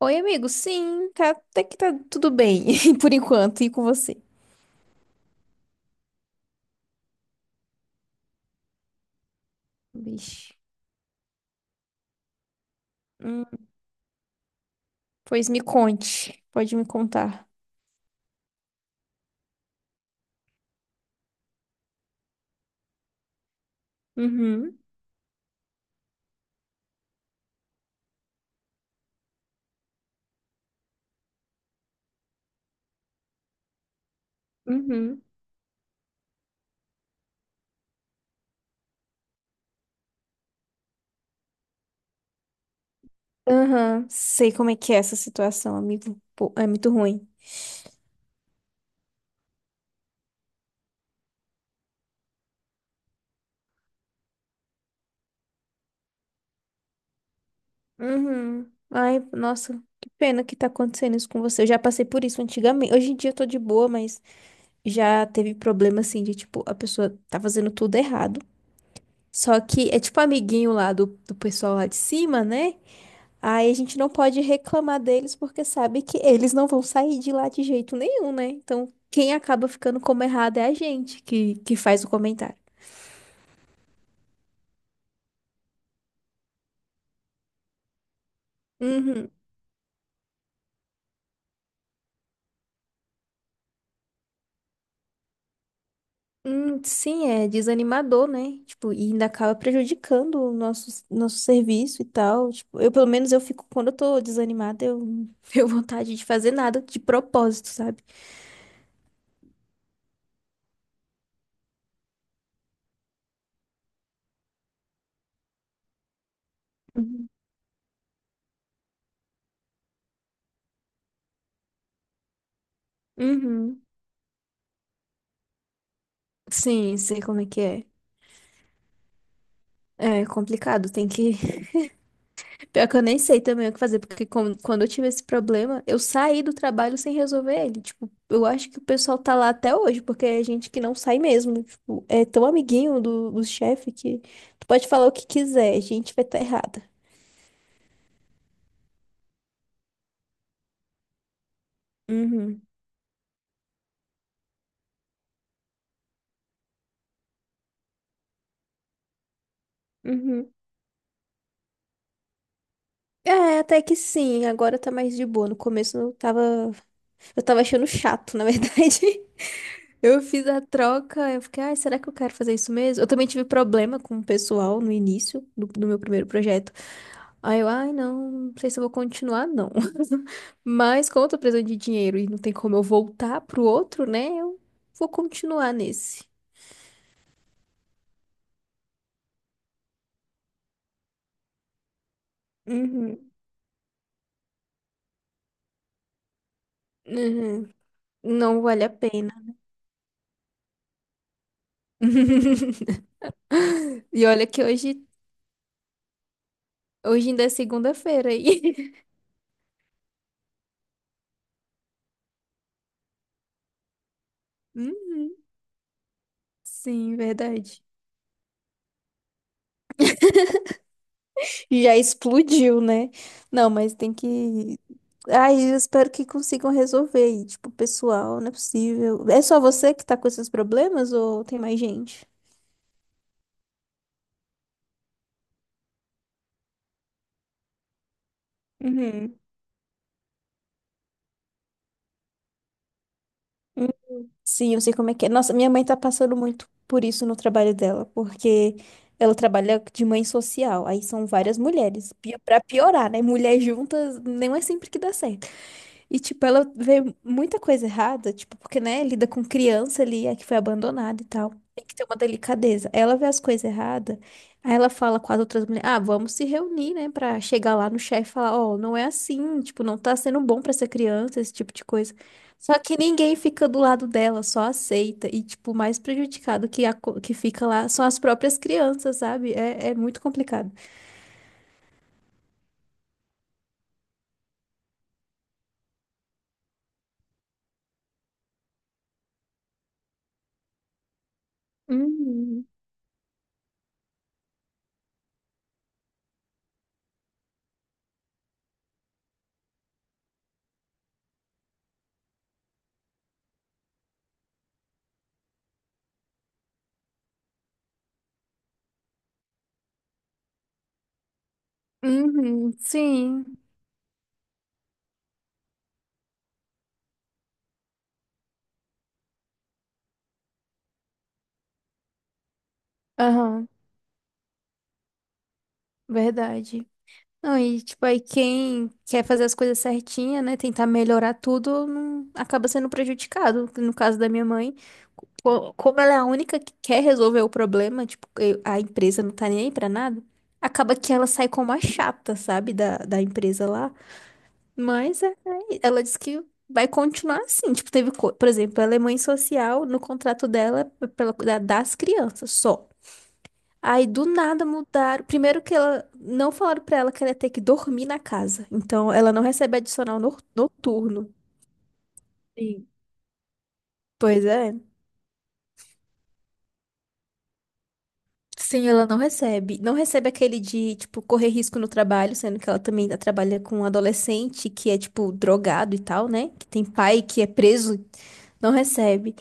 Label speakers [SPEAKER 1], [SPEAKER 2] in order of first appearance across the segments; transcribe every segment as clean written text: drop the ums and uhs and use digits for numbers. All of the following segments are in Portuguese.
[SPEAKER 1] Oi, amigo. Sim, tá, até que tá tudo bem, por enquanto, e com você? Vixe. Hum, Pois me conte, pode me contar. Uhum, uhum. Aham, sei como é que é essa situação, amigo. Pô, é muito ruim. Uhum. Ai, nossa, que pena que tá acontecendo isso com você. Eu já passei por isso antigamente. Hoje em dia eu tô de boa, mas já teve problema assim de tipo, a pessoa tá fazendo tudo errado. Só que é tipo amiguinho lá do pessoal lá de cima, né? Aí a gente não pode reclamar deles porque sabe que eles não vão sair de lá de jeito nenhum, né? Então, quem acaba ficando como errado é a gente que faz o comentário. Uhum. Sim, é desanimador, né? Tipo, e ainda acaba prejudicando o nosso serviço e tal. Tipo, eu, pelo menos, eu fico, quando eu tô desanimada, eu não tenho vontade de fazer nada de propósito, sabe? Uhum. Uhum. Sim, sei como é que é. É complicado, tem que pior que eu nem sei também o que fazer, porque quando eu tive esse problema, eu saí do trabalho sem resolver ele. Tipo, eu acho que o pessoal tá lá até hoje, porque é gente que não sai mesmo. Tipo, é tão amiguinho do chefe que tu pode falar o que quiser, a gente vai estar tá errada. Uhum, uhum. É, até que sim, agora tá mais de boa. No começo eu tava achando chato, na verdade. Eu fiz a troca, eu fiquei, ai, será que eu quero fazer isso mesmo? Eu também tive problema com o pessoal no início do meu primeiro projeto. Aí eu, ai, não, não sei se eu vou continuar, não. Mas como eu tô precisando de dinheiro e não tem como eu voltar pro outro, né? Eu vou continuar nesse. Uhum, uhum. Não vale a pena. E olha que hoje ainda é segunda-feira aí. Uhum, sim, verdade. E já explodiu, né? Não, mas tem que. Ai, eu espero que consigam resolver. E, tipo, pessoal, não é possível. É só você que tá com esses problemas ou tem mais gente? Uhum. Hum, sim, eu sei como é que é. Nossa, minha mãe tá passando muito por isso no trabalho dela, porque ela trabalha de mãe social, aí são várias mulheres. Pra piorar, né? Mulheres juntas não é sempre que dá certo. E, tipo, ela vê muita coisa errada, tipo, porque, né, lida com criança ali, é que foi abandonada e tal. Tem que ter uma delicadeza. Ela vê as coisas erradas, aí ela fala com as outras mulheres, ah, vamos se reunir, né, pra chegar lá no chefe e falar, ó, não é assim, tipo, não tá sendo bom pra essa criança, esse tipo de coisa. Só que ninguém fica do lado dela, só aceita. E, tipo, o mais prejudicado que fica lá são as próprias crianças, sabe? É muito complicado. Uhum. Uhum. Sim. Aham. Verdade. Não, e tipo, aí quem quer fazer as coisas certinha, né? Tentar melhorar tudo, acaba sendo prejudicado. No caso da minha mãe, como ela é a única que quer resolver o problema, tipo, a empresa não tá nem aí pra nada, acaba que ela sai como a chata, sabe, da empresa lá. Mas ela disse que vai continuar assim. Tipo, teve, por exemplo, ela é mãe social, no contrato dela, é das crianças só. Aí do nada mudaram. Primeiro que ela não falaram pra ela que ela ia ter que dormir na casa. Então ela não recebe adicional noturno. Sim. Pois é. Sim, ela não recebe. Não recebe aquele de, tipo, correr risco no trabalho, sendo que ela também trabalha com um adolescente que é, tipo, drogado e tal, né? Que tem pai que é preso, não recebe.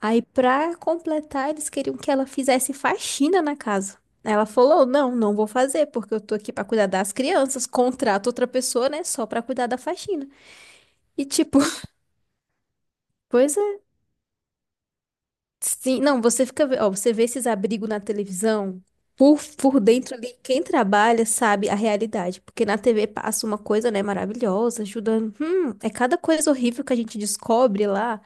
[SPEAKER 1] Aí, pra completar, eles queriam que ela fizesse faxina na casa. Ela falou: não, não vou fazer, porque eu tô aqui pra cuidar das crianças. Contrato outra pessoa, né? Só pra cuidar da faxina. E tipo, pois é. Sim, não, você fica. Ó, você vê esses abrigos na televisão. Por dentro ali, quem trabalha sabe a realidade. Porque na TV passa uma coisa, né, maravilhosa, ajudando. É cada coisa horrível que a gente descobre lá.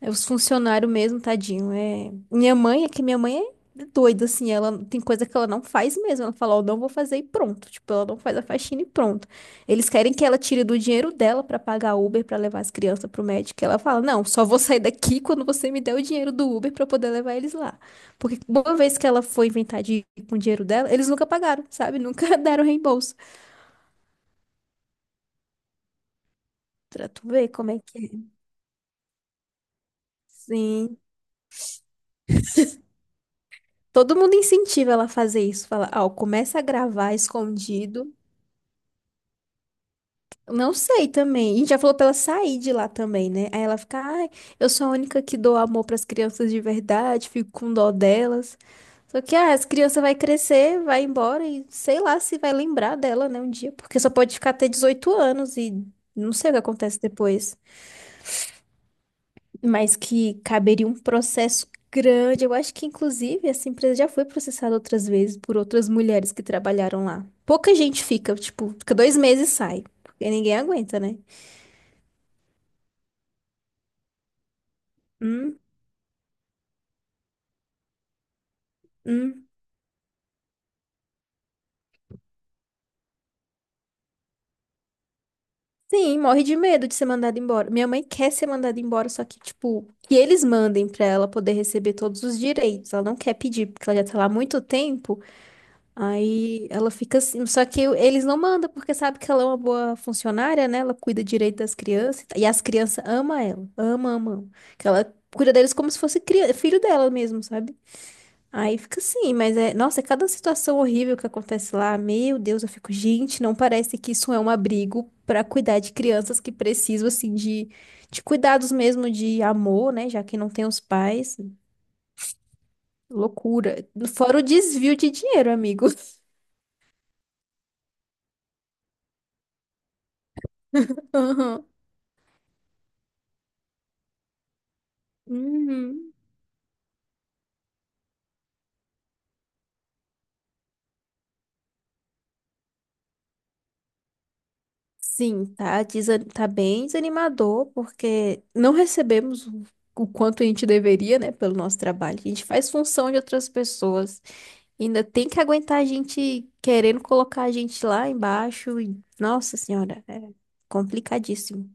[SPEAKER 1] É os funcionários mesmo, tadinho. Minha mãe, é que minha mãe é doida, assim, ela tem coisa que ela não faz mesmo. Ela fala, ó, não vou fazer e pronto. Tipo, ela não faz a faxina e pronto. Eles querem que ela tire do dinheiro dela pra pagar Uber pra levar as crianças pro médico. Ela fala, não, só vou sair daqui quando você me der o dinheiro do Uber pra eu poder levar eles lá. Porque uma vez que ela foi inventar de ir com o dinheiro dela, eles nunca pagaram, sabe? Nunca deram reembolso. Pra tu ver como é que é. Sim. Todo mundo incentiva ela a fazer isso. Fala, ó, começa a gravar escondido. Não sei também. E já falou pra ela sair de lá também, né? Aí ela fica, ai, eu sou a única que dou amor pras crianças de verdade, fico com dó delas. Só que, ah, as crianças vai crescer, vai embora e sei lá se vai lembrar dela, né, um dia, porque só pode ficar até 18 anos e não sei o que acontece depois. Mas que caberia um processo grande. Eu acho que, inclusive, essa empresa já foi processada outras vezes por outras mulheres que trabalharam lá. Pouca gente fica, tipo, fica 2 meses e sai, porque ninguém aguenta, né? Hum. Uhum. Sim, morre de medo de ser mandada embora. Minha mãe quer ser mandada embora, só que, tipo, que eles mandem pra ela poder receber todos os direitos. Ela não quer pedir, porque ela já tá lá há muito tempo. Aí ela fica assim. Só que eles não mandam, porque sabe que ela é uma boa funcionária, né? Ela cuida direito das crianças. E as crianças amam ela. Ama, ama. Ama. Que ela cuida deles como se fosse filho dela mesmo, sabe? Aí fica assim, mas é, nossa, é cada situação horrível que acontece lá, meu Deus, eu fico, gente, não parece que isso é um abrigo pra cuidar de crianças que precisam assim de cuidados mesmo de amor, né, já que não tem os pais. Loucura. Fora o desvio de dinheiro, amigo. Aham. Uhum. Sim, tá, tá bem desanimador, porque não recebemos o quanto a gente deveria, né, pelo nosso trabalho. A gente faz função de outras pessoas. Ainda tem que aguentar a gente querendo colocar a gente lá embaixo. E, Nossa Senhora, é complicadíssimo.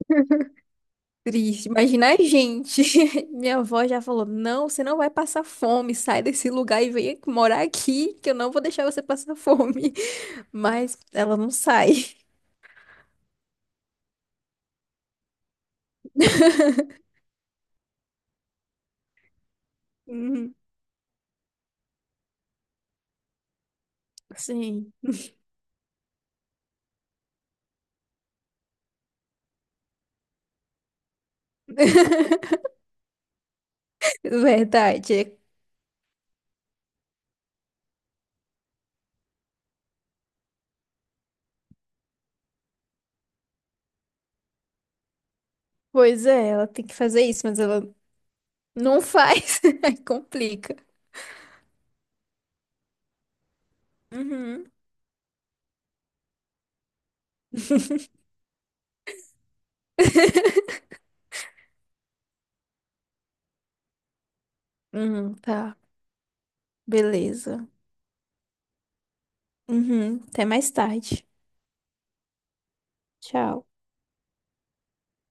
[SPEAKER 1] Triste. Imagina a gente. Minha avó já falou: não, você não vai passar fome. Sai desse lugar e vem morar aqui, que eu não vou deixar você passar fome. Mas ela não sai. Uhum, sim. Verdade. Pois é, ela tem que fazer isso, mas ela não faz. Aí complica. Uhum. Uhum, tá. Beleza. Uhum, até mais tarde. Tchau.